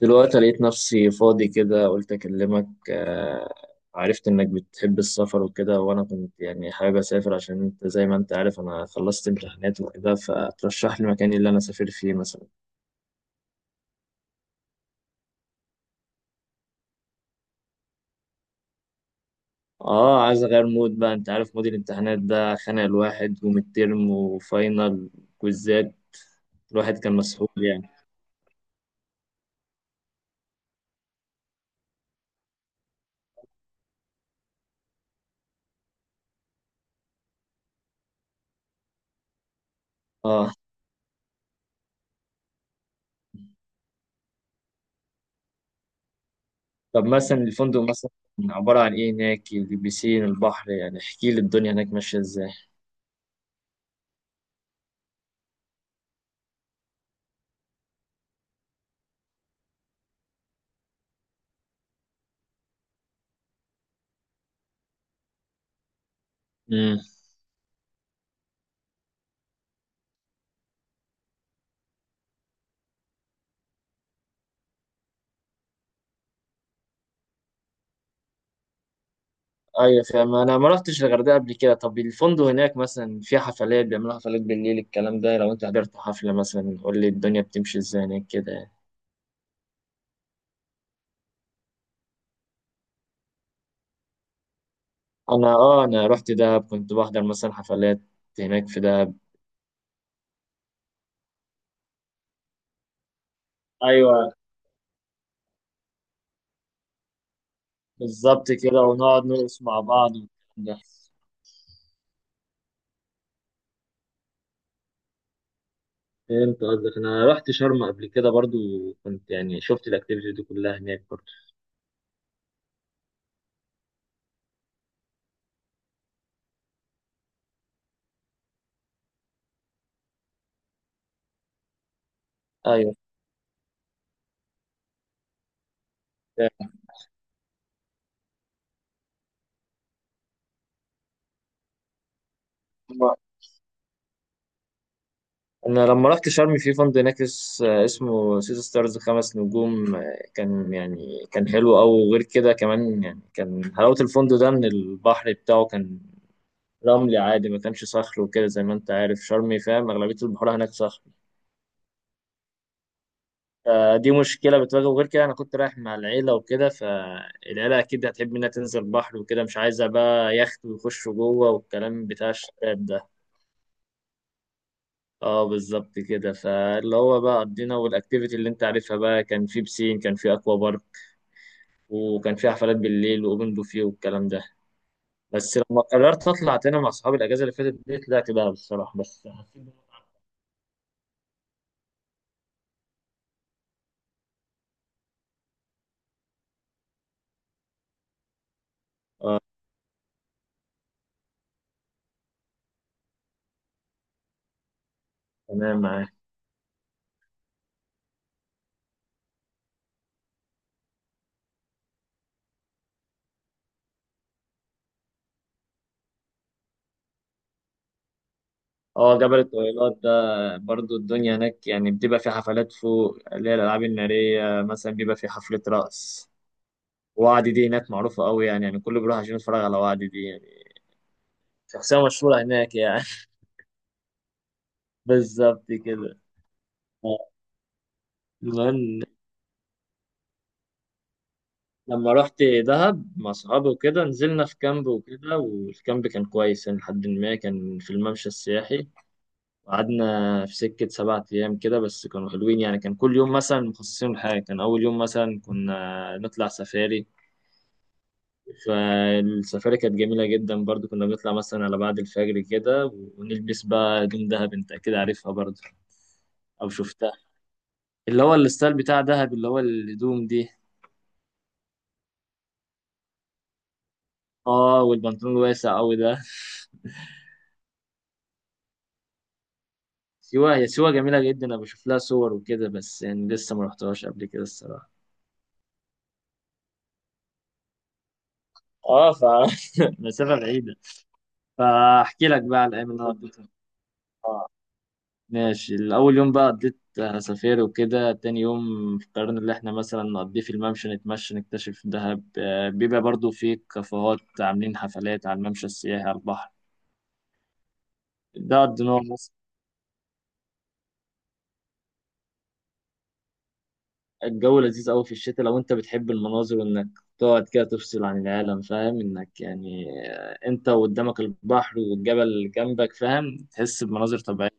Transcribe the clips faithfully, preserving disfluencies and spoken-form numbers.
دلوقتي لقيت نفسي فاضي كده قلت أكلمك آه، عرفت إنك بتحب السفر وكده وأنا كنت يعني حابب أسافر عشان أنت زي ما أنت عارف أنا خلصت امتحانات وكده فترشح لي مكان اللي أنا أسافر فيه مثلا. آه عايز أغير مود بقى، أنت عارف مود الامتحانات ده خانق الواحد، وميد ترم وفاينل كويزات، الواحد كان مسحول يعني. آه طب مثلا الفندق مثلا عبارة عن إيه هناك؟ البيسين، البحر، يعني احكي لي الدنيا هناك ماشية إزاي؟ ايوه فاهم، انا ما رحتش الغردقه قبل كده. طب الفندق هناك مثلا في حفلات؟ بيعملوا حفلات بالليل الكلام ده؟ لو انت حضرت حفله مثلا قول لي الدنيا بتمشي ازاي هناك كده يعني. انا اه انا رحت دهب، كنت بحضر مثلا حفلات هناك في دهب. ايوه بالظبط كده، ونقعد نرقص مع بعض والكلام ده. فهمت قصدك، انا رحت شرم قبل كده برضو، كنت يعني شفت الاكتيفيتي دي كلها هناك برضو. ايوه. انا لما رحت شرم في فندق هناك اس- اسمه سيتي ستارز خمس نجوم، آه، كان يعني كان حلو أوي. وغير كده كمان يعني كان حلاوة الفندق ده ان البحر بتاعه كان رملي عادي، ما كانش صخر وكده. زي ما انت عارف شرم فاهم اغلبية البحور هناك صخر، فدي مشكلة بتواجه. وغير كده انا كنت رايح مع العيلة وكده، فالعيلة اكيد هتحب انها تنزل بحر وكده، مش عايزة بقى يخت ويخشوا جوه والكلام بتاع الشباب ده. اه بالظبط كده. فاللي هو بقى قضينا، والاكتيفيتي اللي انت عارفها بقى، كان في بسين، كان في اكوا بارك، وكان في حفلات بالليل واوبن بوفيه والكلام ده. بس لما قررت اطلع تاني مع اصحابي الاجازه اللي فاتت دي طلعت بقى بالصراحه. بس تمام معاك. اه جبل الطويلات ده، برضو الدنيا هناك يعني بتبقى في حفلات فوق، اللي هي الالعاب الناريه مثلا، بيبقى في حفله رقص. وعدي دي هناك معروفه قوي يعني، يعني كله بيروح عشان يتفرج على وعدي دي يعني، شخصيه مشهوره هناك يعني. بالظبط كده. آه، المهم، لما رحت دهب مع صحابي وكده نزلنا في كامب وكده، والكامب كان كويس يعني لحد ما كان في الممشى السياحي. وقعدنا في سكة سبعة أيام كده، بس كانوا حلوين يعني. كان كل يوم مثلا مخصصين لحاجة. كان أول يوم مثلا كنا نطلع سفاري، فالسفاري كانت جميلة جدا برضو، كنا بنطلع مثلا على بعد الفجر كده، ونلبس بقى هدوم دهب أنت أكيد عارفها برضو أو شفتها، اللي هو الستايل بتاع دهب، اللي هو الهدوم دي. اه والبنطلون الواسع أوي ده. سيوة، هي سيوة جميلة جدا، أنا بشوف لها صور وكده بس يعني لسه ما رحتهاش قبل كده الصراحة. اه ف مسافة بعيدة. فأحكي لك بقى على الأيام اللي أنا قضيتها. آه. ماشي، الأول يوم بقى قضيت سفير وكده. تاني يوم قررنا اللي احنا مثلا نقضيه في الممشى، نتمشى نكتشف دهب، آه، بيبقى برضو في كافيهات عاملين حفلات على الممشى السياحي على البحر، ده قضيناه. الجو لذيذ قوي في الشتاء لو انت بتحب المناظر، وانك تقعد كده تفصل عن العالم، فاهم انك يعني، آه، انت وقدامك البحر والجبل جنبك، فاهم، تحس بمناظر طبيعية.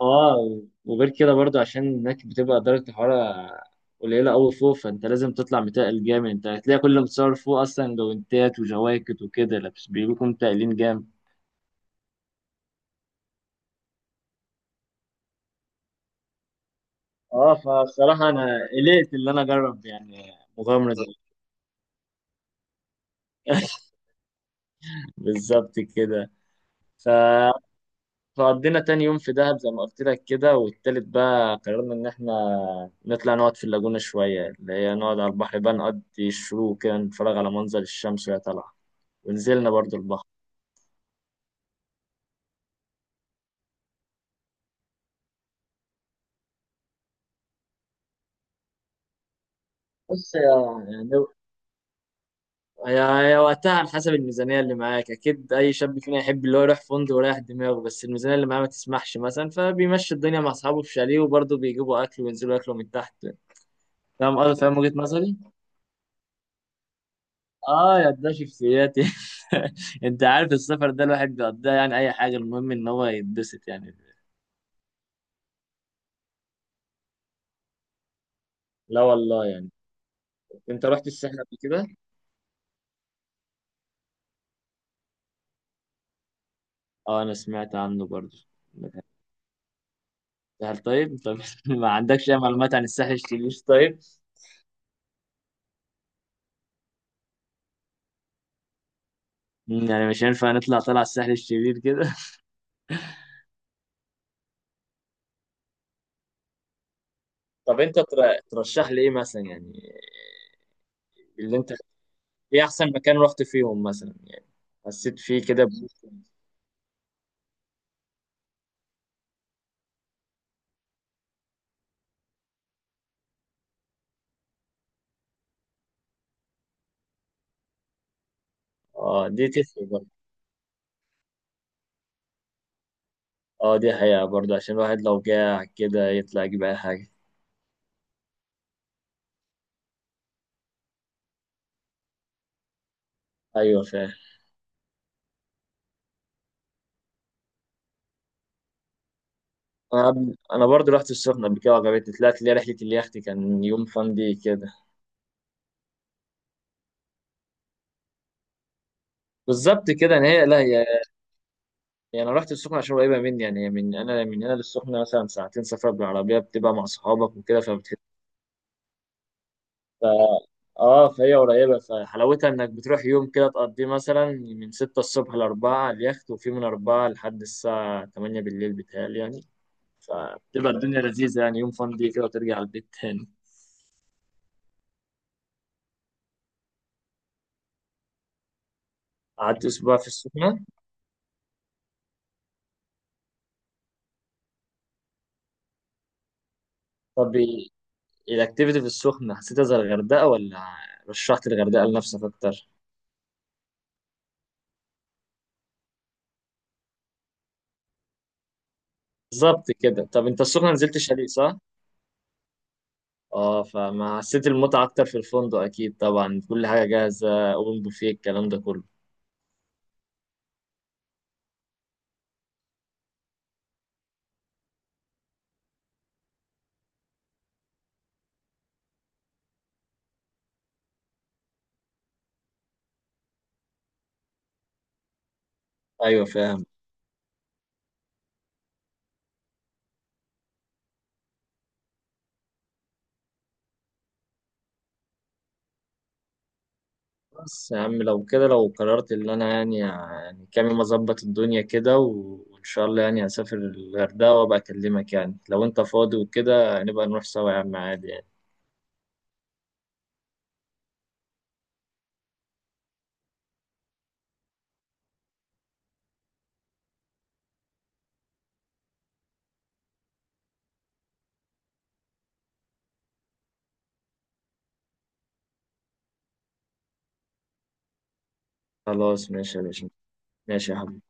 اه وغير كده برضو عشان هناك بتبقى درجة الحرارة قليلة قوي فوق، فانت لازم تطلع متقل جامد، انت هتلاقي كل اللي متصور فوق اصلا جوانتات وجواكت وكده لابس، بيكونوا متقلين جامد. اه فصراحة انا قلقت اللي انا اجرب يعني مغامرة زي بالظبط كده. ف فقضينا تاني يوم في دهب زي ما قلت لك كده. والتالت بقى قررنا إن إحنا نطلع نقعد في اللاجونة شوية، اللي هي نقعد على البحر بقى، نقضي الشروق كده، نتفرج على منظر الشمس وهي طالعة، ونزلنا برضو البحر. بص يا يعني، هي هي وقتها على حسب الميزانية اللي معاك. أكيد أي شاب فينا يحب اللي هو يروح فندق ويريح دماغه، بس الميزانية اللي معاه ما تسمحش مثلا، فبيمشي الدنيا مع أصحابه في شاليه وبرضه بيجيبوا أكل وينزلوا ياكلوا من تحت. فاهم قصدي؟ فاهم وجهة نظري؟ اه يا ده شخصيات. انت عارف السفر ده الواحد بيقضيها يعني اي حاجه، المهم ان هو يتبسط يعني. لا والله يعني، انت رحت الساحل قبل كده؟ اه انا سمعت عنه برضه. الساحل طيب، طب ما عندكش اي معلومات عن الساحل الشرير طيب؟ مم، يعني مش هينفع نطلع، طلع الساحل الشرير كده؟ طب انت تر- ترشح لي ايه مثلا يعني؟ اللي انت ايه احسن مكان رحت فيهم مثلا يعني، حسيت فيه كده ب-. اه دي تفرق. اه دي حقيقة برضه، عشان الواحد لو جاع كده يطلع يجيب أي حاجة. أيوة فاهم. أنا قبل- أنا برضه رحت السخنة قبل كده وعجبتني، طلعت لي رحلة اليخت كان يوم فان دي كده. بالظبط كده يعني، هي لا هي يعني، أنا رحت السخنة عشان قريبة مني يعني، هي من أنا من هنا للسخنة مثلا ساعتين سفر بالعربية، بتبقى مع صحابك وكده فبتحس. ف... اه فهي قريبة، فحلاوتها انك بتروح يوم كده تقضيه مثلا من ستة الصبح لأربعة على اليخت، وفي من أربعة لحد الساعة تمانية بالليل، بتهيألي يعني تبقى الدنيا لذيذة يعني، يوم فان دي كده وترجع البيت تاني. قعدت اسبوع في السخنه. طب إيه- الاكتيفيتي في السخنه حسيتها زي الغردقه ولا رشحت الغردقه لنفسك اكتر؟ بالظبط كده. طب انت السخنه نزلت شاليه صح؟ اه فما حسيت المتعه اكتر في الفندق؟ اكيد طبعا كل حاجه جاهزه، اوبن بوفيه الكلام ده كله. ايوه فاهم. بس يا عم لو كده لو قررت اللي انا يعني، يعني كام يوم اظبط الدنيا كده و- وان شاء الله يعني هسافر الغردقه وابقى اكلمك يعني لو انت فاضي وكده، نبقى نروح سوا يا عم، عادي يعني. خلاص ماشي يا باشا. ماشي يا حبيبي.